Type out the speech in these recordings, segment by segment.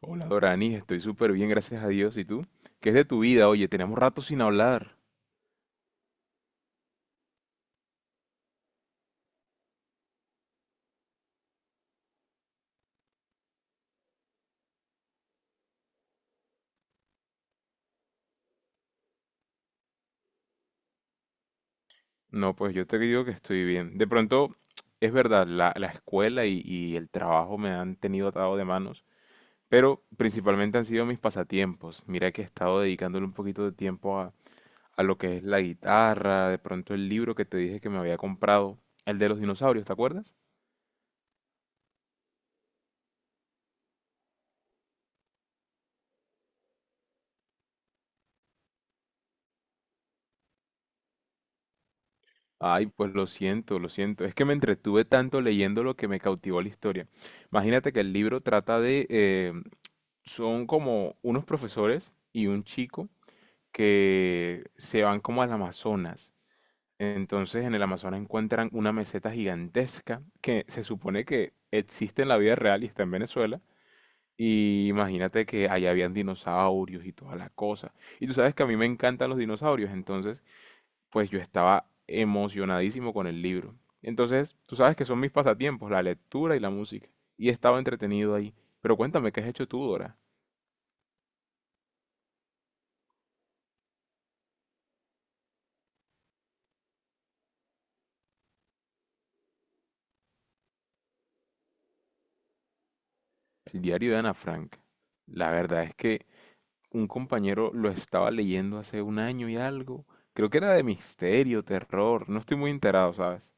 Hola Dorani, estoy súper bien, gracias a Dios. ¿Y tú? ¿Qué es de tu vida? Oye, tenemos rato sin hablar. No, pues yo te digo que estoy bien. De pronto, es verdad, la escuela y el trabajo me han tenido atado de manos, pero principalmente han sido mis pasatiempos. Mira que he estado dedicándole un poquito de tiempo a lo que es la guitarra, de pronto el libro que te dije que me había comprado, el de los dinosaurios, ¿te acuerdas? Ay, pues lo siento, lo siento. Es que me entretuve tanto leyendo lo que me cautivó la historia. Imagínate que el libro trata de, son como unos profesores y un chico que se van como al Amazonas. Entonces en el Amazonas encuentran una meseta gigantesca que se supone que existe en la vida real y está en Venezuela. Y imagínate que allá habían dinosaurios y toda la cosa. Y tú sabes que a mí me encantan los dinosaurios, entonces pues yo estaba emocionadísimo con el libro. Entonces tú sabes que son mis pasatiempos, la lectura y la música. Y estaba entretenido ahí. Pero cuéntame, ¿qué has hecho tú, Dora? El diario de Ana Frank. La verdad es que un compañero lo estaba leyendo hace un año y algo. Creo que era de misterio, terror. No estoy muy enterado, ¿sabes?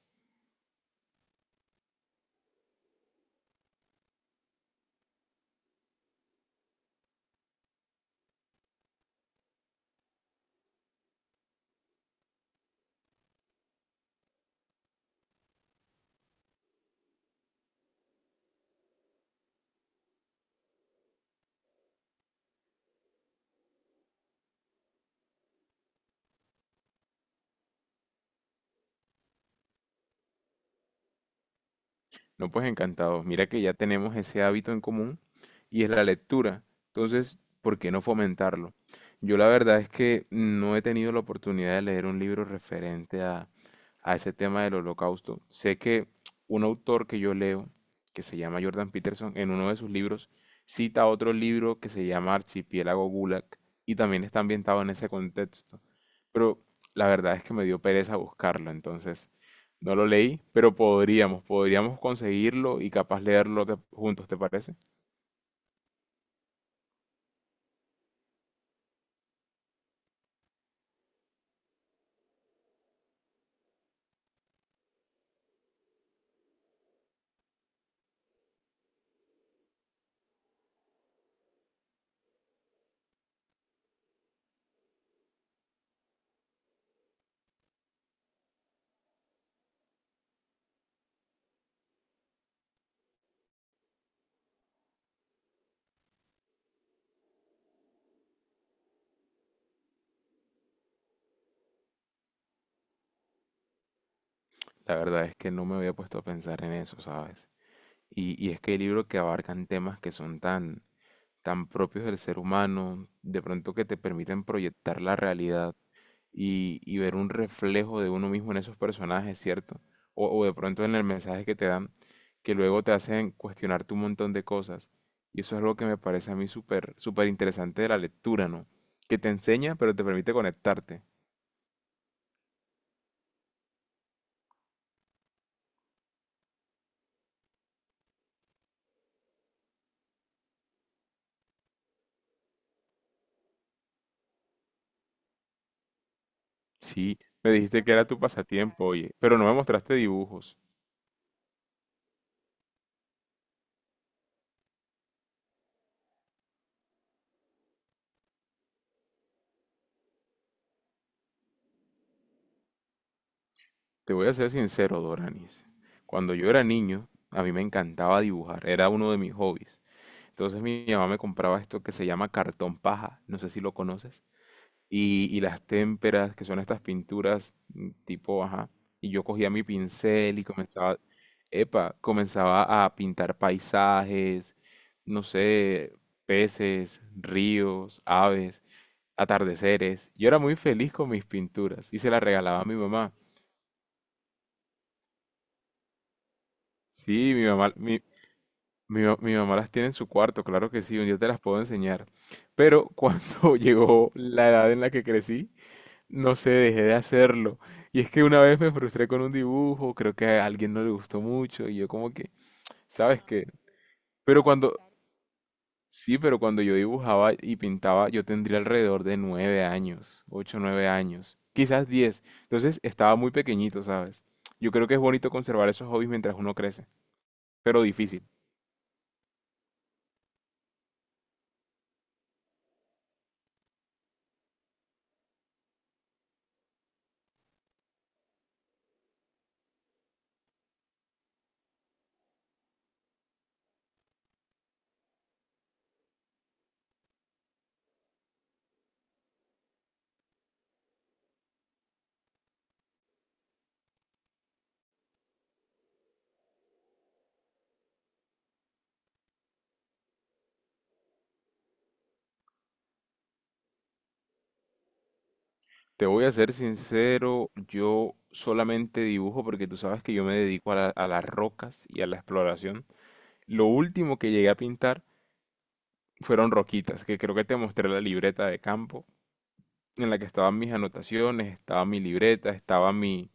No, pues encantado. Mira que ya tenemos ese hábito en común y es la lectura. Entonces, ¿por qué no fomentarlo? Yo la verdad es que no he tenido la oportunidad de leer un libro referente a ese tema del holocausto. Sé que un autor que yo leo, que se llama Jordan Peterson, en uno de sus libros cita otro libro que se llama Archipiélago Gulag y también está ambientado en ese contexto. Pero la verdad es que me dio pereza buscarlo, entonces no lo leí, pero podríamos conseguirlo y capaz leerlo juntos, ¿te parece? La verdad es que no me había puesto a pensar en eso, ¿sabes? Y es que hay libros que abarcan temas que son tan, tan propios del ser humano, de pronto que te permiten proyectar la realidad y ver un reflejo de uno mismo en esos personajes, ¿cierto? O de pronto en el mensaje que te dan, que luego te hacen cuestionarte un montón de cosas. Y eso es algo que me parece a mí súper, súper interesante de la lectura, ¿no? Que te enseña, pero te permite conectarte. Sí, me dijiste que era tu pasatiempo, oye, pero no me mostraste dibujos. Te voy a ser sincero, Doranis. Cuando yo era niño, a mí me encantaba dibujar, era uno de mis hobbies. Entonces mi mamá me compraba esto que se llama cartón paja, no sé si lo conoces, y las témperas, que son estas pinturas tipo, ajá, y yo cogía mi pincel y comenzaba, comenzaba a pintar paisajes, no sé, peces, ríos, aves, atardeceres. Yo era muy feliz con mis pinturas y se las regalaba a mi mamá. Sí, mi mamá, Mi, ma- mi mamá las tiene en su cuarto, claro que sí, un día te las puedo enseñar. Pero cuando llegó la edad en la que crecí, no sé, dejé de hacerlo. Y es que una vez me frustré con un dibujo, creo que a alguien no le gustó mucho y yo como que, ¿sabes qué? Pero cuando, sí, pero cuando yo dibujaba y pintaba, yo tendría alrededor de 9 años, 8, 9 años, quizás 10. Entonces estaba muy pequeñito, ¿sabes? Yo creo que es bonito conservar esos hobbies mientras uno crece, pero difícil. Te voy a ser sincero, yo solamente dibujo porque tú sabes que yo me dedico a a las rocas y a la exploración. Lo último que llegué a pintar fueron roquitas, que creo que te mostré la libreta de campo en la que estaban mis anotaciones, estaba mi libreta, estaba mi,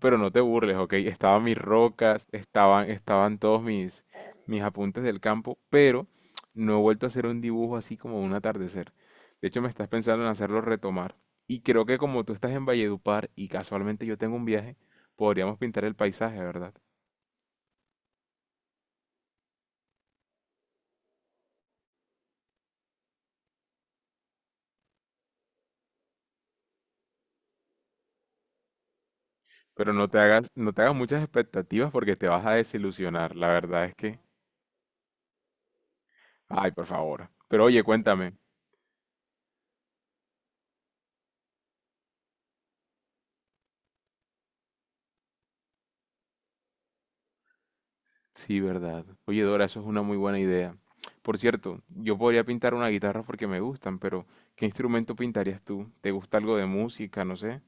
pero no te burles, ¿ok? Estaban mis rocas, estaban todos mis, mis apuntes del campo, pero no he vuelto a hacer un dibujo así como un atardecer. De hecho, me estás pensando en hacerlo retomar. Y creo que como tú estás en Valledupar y casualmente yo tengo un viaje, podríamos pintar el paisaje, ¿verdad? Pero no te hagas, no te hagas muchas expectativas porque te vas a desilusionar. La verdad es que, ay, por favor. Pero oye, cuéntame, sí, verdad. Oye, Dora, eso es una muy buena idea. Por cierto, yo podría pintar una guitarra porque me gustan, pero ¿qué instrumento pintarías tú? ¿Te gusta algo de música? No sé.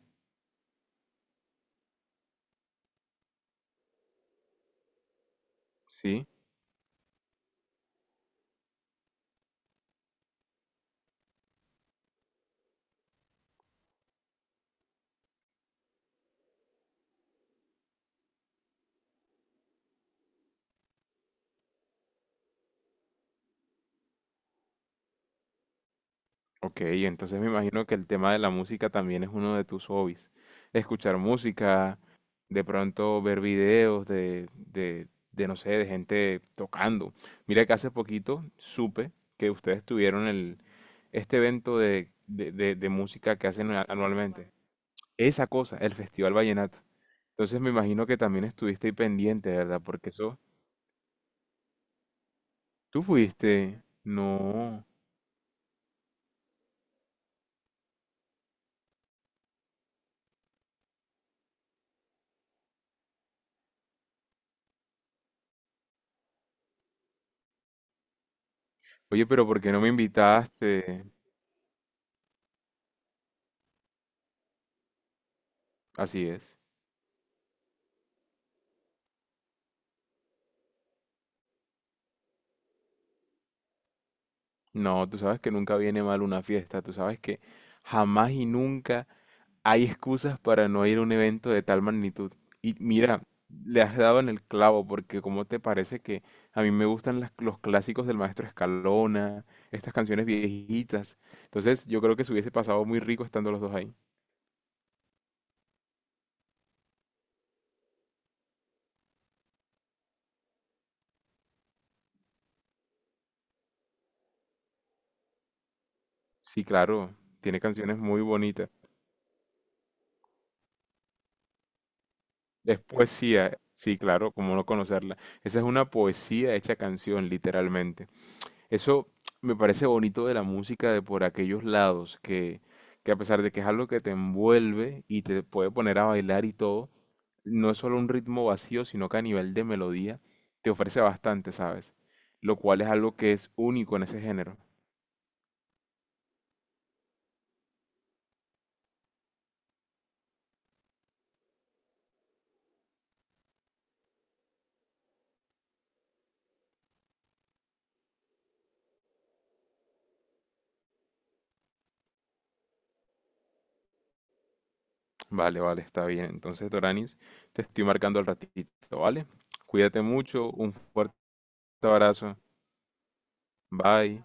Sí. Ok, entonces me imagino que el tema de la música también es uno de tus hobbies. Escuchar música, de pronto ver videos de no sé, de gente tocando. Mira que hace poquito supe que ustedes tuvieron este evento de música que hacen anualmente. Esa cosa, el Festival Vallenato. Entonces me imagino que también estuviste ahí pendiente, ¿verdad? Porque eso, tú fuiste. No. Oye, pero ¿por qué no me invitaste? Así es. No, tú sabes que nunca viene mal una fiesta. Tú sabes que jamás y nunca hay excusas para no ir a un evento de tal magnitud. Y mira, le has dado en el clavo, porque ¿cómo te parece que a mí me gustan los clásicos del maestro Escalona, estas canciones viejitas? Entonces yo creo que se hubiese pasado muy rico estando los dos ahí. Sí, claro, tiene canciones muy bonitas. Es poesía, sí, claro, cómo no conocerla. Esa es una poesía hecha canción, literalmente. Eso me parece bonito de la música de por aquellos lados, que a pesar de que es algo que te envuelve y te puede poner a bailar y todo, no es solo un ritmo vacío, sino que a nivel de melodía te ofrece bastante, ¿sabes? Lo cual es algo que es único en ese género. Vale, vale, está bien. Entonces, Doranis, te estoy marcando al ratito, ¿vale? Cuídate mucho, un fuerte abrazo. Bye.